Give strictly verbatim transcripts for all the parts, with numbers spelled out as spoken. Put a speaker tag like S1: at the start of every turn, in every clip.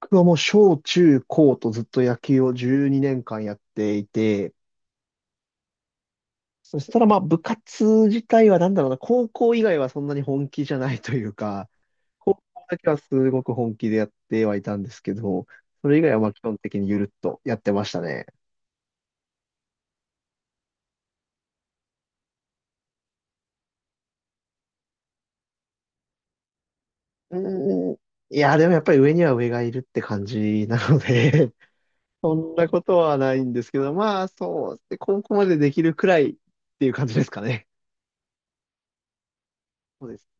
S1: 僕はもう小中高とずっと野球をじゅうにねんかんやっていて、そしたらまあ部活自体はなんだろうな、高校以外はそんなに本気じゃないというか、高校だけはすごく本気でやってはいたんですけど、それ以外はまあ基本的にゆるっとやってましたね。うーん。いや、でもやっぱり上には上がいるって感じなので そんなことはないんですけど、まあそう、で高校までできるくらいっていう感じですかね。そうです。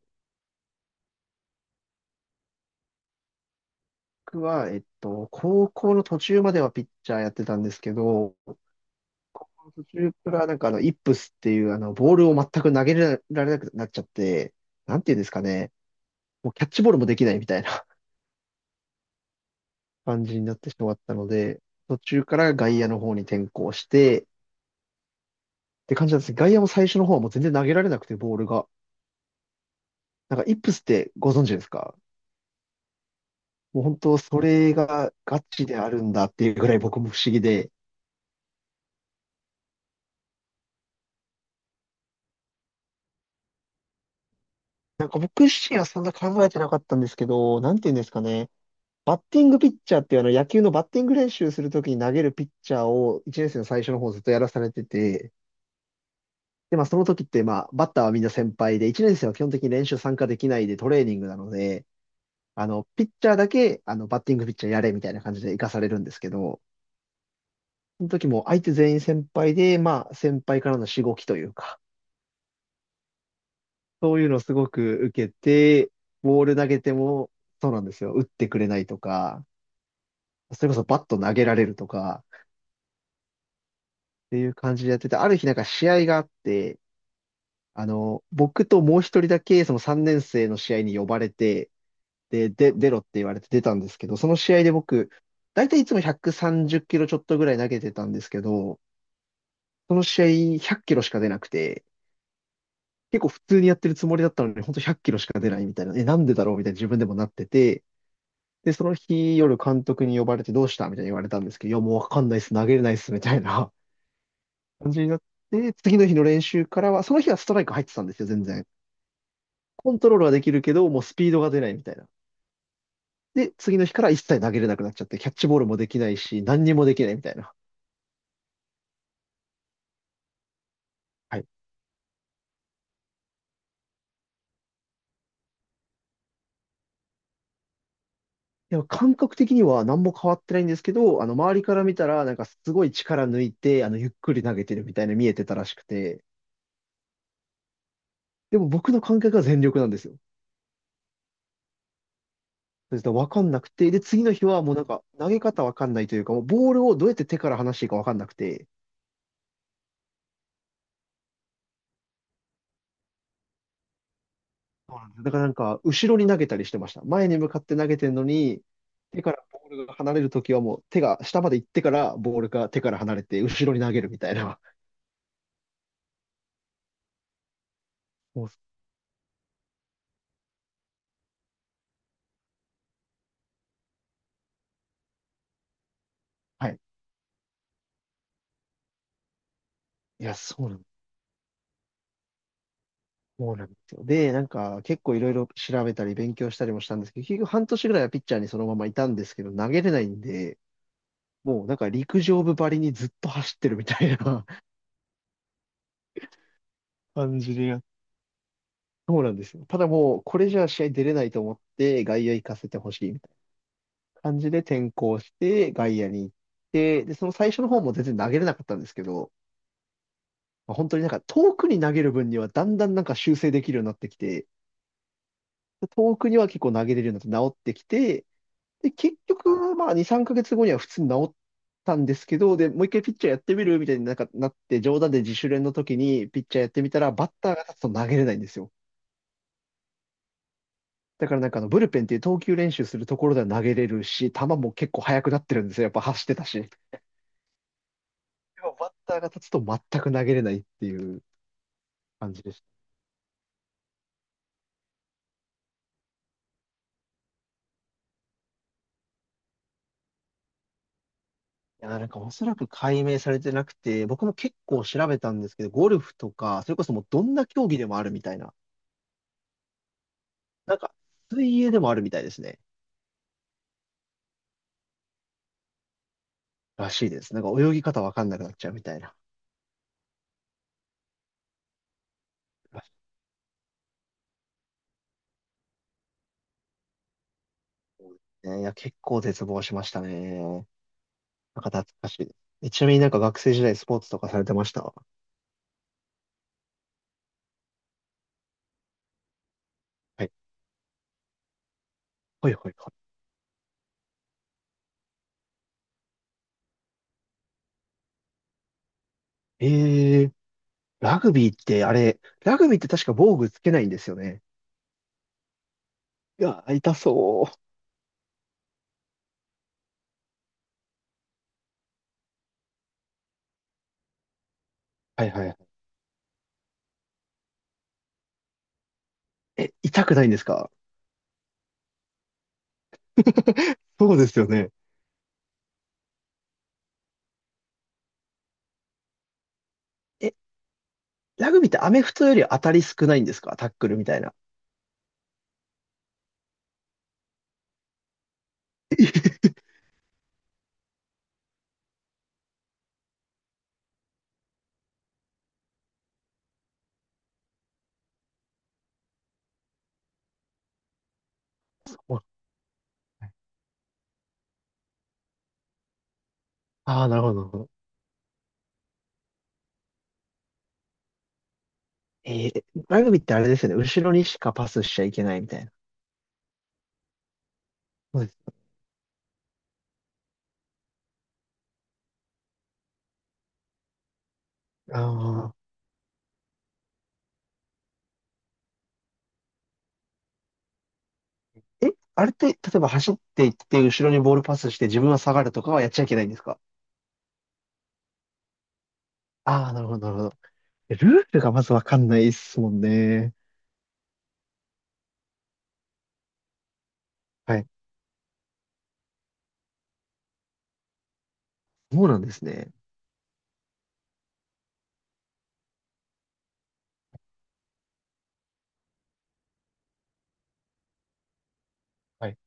S1: 僕は、えっと、高校の途中まではピッチャーやってたんですけど、高校の途中からなんかあの、イップスっていうあの、ボールを全く投げられなくなっちゃって、なんていうんですかね、もうキャッチボールもできないみたいな 感じになってしまったので、途中から外野の方に転向して、って感じなんです。外野も最初の方はもう全然投げられなくて、ボールが。なんか、イップスってご存知ですか？もう本当、それがガチであるんだっていうぐらい僕も不思議で、なんか僕自身はそんな考えてなかったんですけど、なんていうんですかね。バッティングピッチャーっていうあの野球のバッティング練習するときに投げるピッチャーをいちねん生の最初の方ずっとやらされてて、で、まあその時ってまあバッターはみんな先輩で、いちねん生は基本的に練習参加できないでトレーニングなので、あの、ピッチャーだけあのバッティングピッチャーやれみたいな感じで行かされるんですけど、その時も相手全員先輩で、まあ先輩からのしごきというか、そういうのをすごく受けて、ボール投げても、そうなんですよ、打ってくれないとか、それこそバット投げられるとか、っていう感じでやってて、ある日なんか試合があって、あの、僕ともう一人だけそのさんねん生の試合に呼ばれて、で、で、出ろって言われて出たんですけど、その試合で僕、だいたいいつもひゃくさんじゅっキロちょっとぐらい投げてたんですけど、その試合ひゃっキロしか出なくて、結構普通にやってるつもりだったのに、ほんとひゃっキロしか出ないみたいな、え、なんでだろうみたいな自分でもなってて、で、その日夜監督に呼ばれてどうしたみたいに言われたんですけど、いや、もうわかんないっす、投げれないっす、みたいな。感じになって、次の日の練習からは、その日はストライク入ってたんですよ、全然。コントロールはできるけど、もうスピードが出ないみたいな。で、次の日から一切投げれなくなっちゃって、キャッチボールもできないし、何にもできないみたいな。はい。でも感覚的には何も変わってないんですけど、あの、周りから見たら、なんかすごい力抜いて、あの、ゆっくり投げてるみたいな見えてたらしくて、でも僕の感覚は全力なんですよ。それと分かんなくて、で、次の日はもうなんか、投げ方分かんないというか、もうボールをどうやって手から離していいか分かんなくて、そうなんです。だからなんか、後ろに投げたりしてました。前に向かって投げてるのに、手からボールが離れるときはもう手が下まで行ってから、ボールが手から離れて、後ろに投げるみたいな。もう、はい。いや、そうなんそうなんですよ。で、なんか、結構いろいろ調べたり勉強したりもしたんですけど、結局半年ぐらいはピッチャーにそのままいたんですけど、投げれないんで、もうなんか陸上部ばりにずっと走ってるみたいな 感じでやそうなんですよ。ただもう、これじゃ試合出れないと思って、外野行かせてほしい。感じで転向して、外野に行って、で、その最初の方も全然投げれなかったんですけど、まあ、本当になんか遠くに投げる分にはだんだんなんか修正できるようになってきて、遠くには結構投げれるようになって治ってきて、で、結局、まあに、さんかげつごには普通に治ったんですけど、で、もう一回ピッチャーやってみるみたいになんかなって、冗談で自主練の時にピッチャーやってみたら、バッターが立つと投げれないんですよ。だからなんかあの、ブルペンっていう投球練習するところでは投げれるし、球も結構速くなってるんですよ。やっぱ走ってたし。でもバッターが立つと全く投げれないっていう感じでした。いや、なんかおそらく解明されてなくて、僕も結構調べたんですけど、ゴルフとか、それこそもうどんな競技でもあるみたいな。なんか、水泳でもあるみたいですね。らしいです。なんか泳ぎ方わかんなくなっちゃうみたいな。らしいですね、いや、結構絶望しましたね。なんか懐かしいです。え、ちなみになんか学生時代スポーツとかされてました？はい。はいはいはい。えー、ラグビーってあれ、ラグビーって確か防具つけないんですよね。いや、痛そう。はいはい。え、痛くないんですか？そうですよね。え、ラグビーってアメフトより当たり少ないんですか？タックルみたいな。ああー、なるほど、なるほど。えー、ラグビーってあれですよね。後ろにしかパスしちゃいけないみたいな。そうです。ああ、え、あれって、例えば走っていって、後ろにボールパスして自分は下がるとかはやっちゃいけないんですか？ああー、なるほど、なるほど。え、ルールがまずわかんないですもんね。はい。そうなんですね。はい。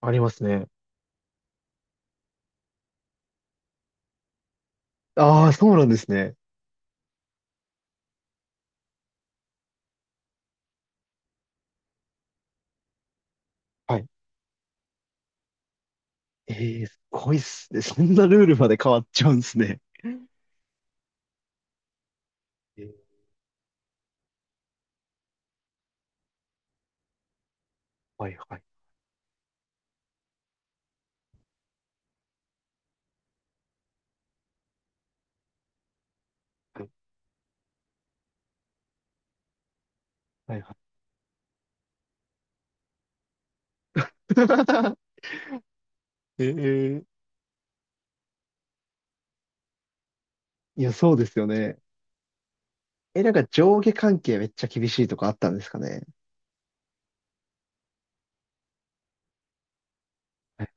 S1: ありますね。ああ、そうなんですね。はい。ええ、すごいっすね。そんなルールまで変わっちゃうんですね。えー、はいはいはい。はいはい。ええ、いや、そうですよね。え、なんか上下関係めっちゃ厳しいとかあったんですかね。はい。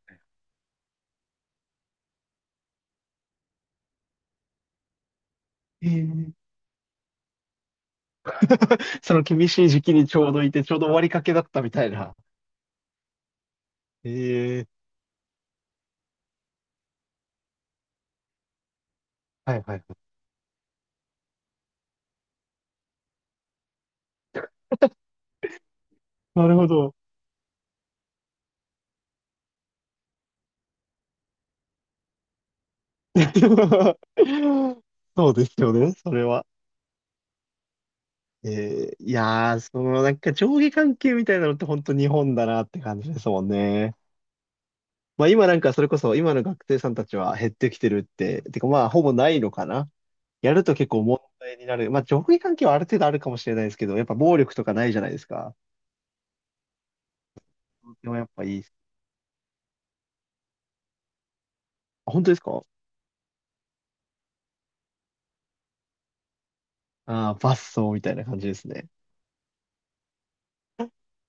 S1: えー、その厳しい時期にちょうどいて、ちょうど終わりかけだったみたいな。ええ、はいはいはい。なるほど。そうですよね、それは。えー、いやー、そのなんか上下関係みたいなのって本当日本だなって感じですもんね。まあ今なんかそれこそ今の学生さんたちは減ってきてるって、てかまあほぼないのかな。やると結構問題になる。まあ上下関係はある程度あるかもしれないですけど、やっぱ暴力とかないじゃないですか。でもやっぱいいっす。あ、本当ですか？ああー、バッソーみたいな感じですね。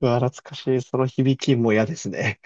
S1: うわ、懐かしい。その響きも嫌ですね。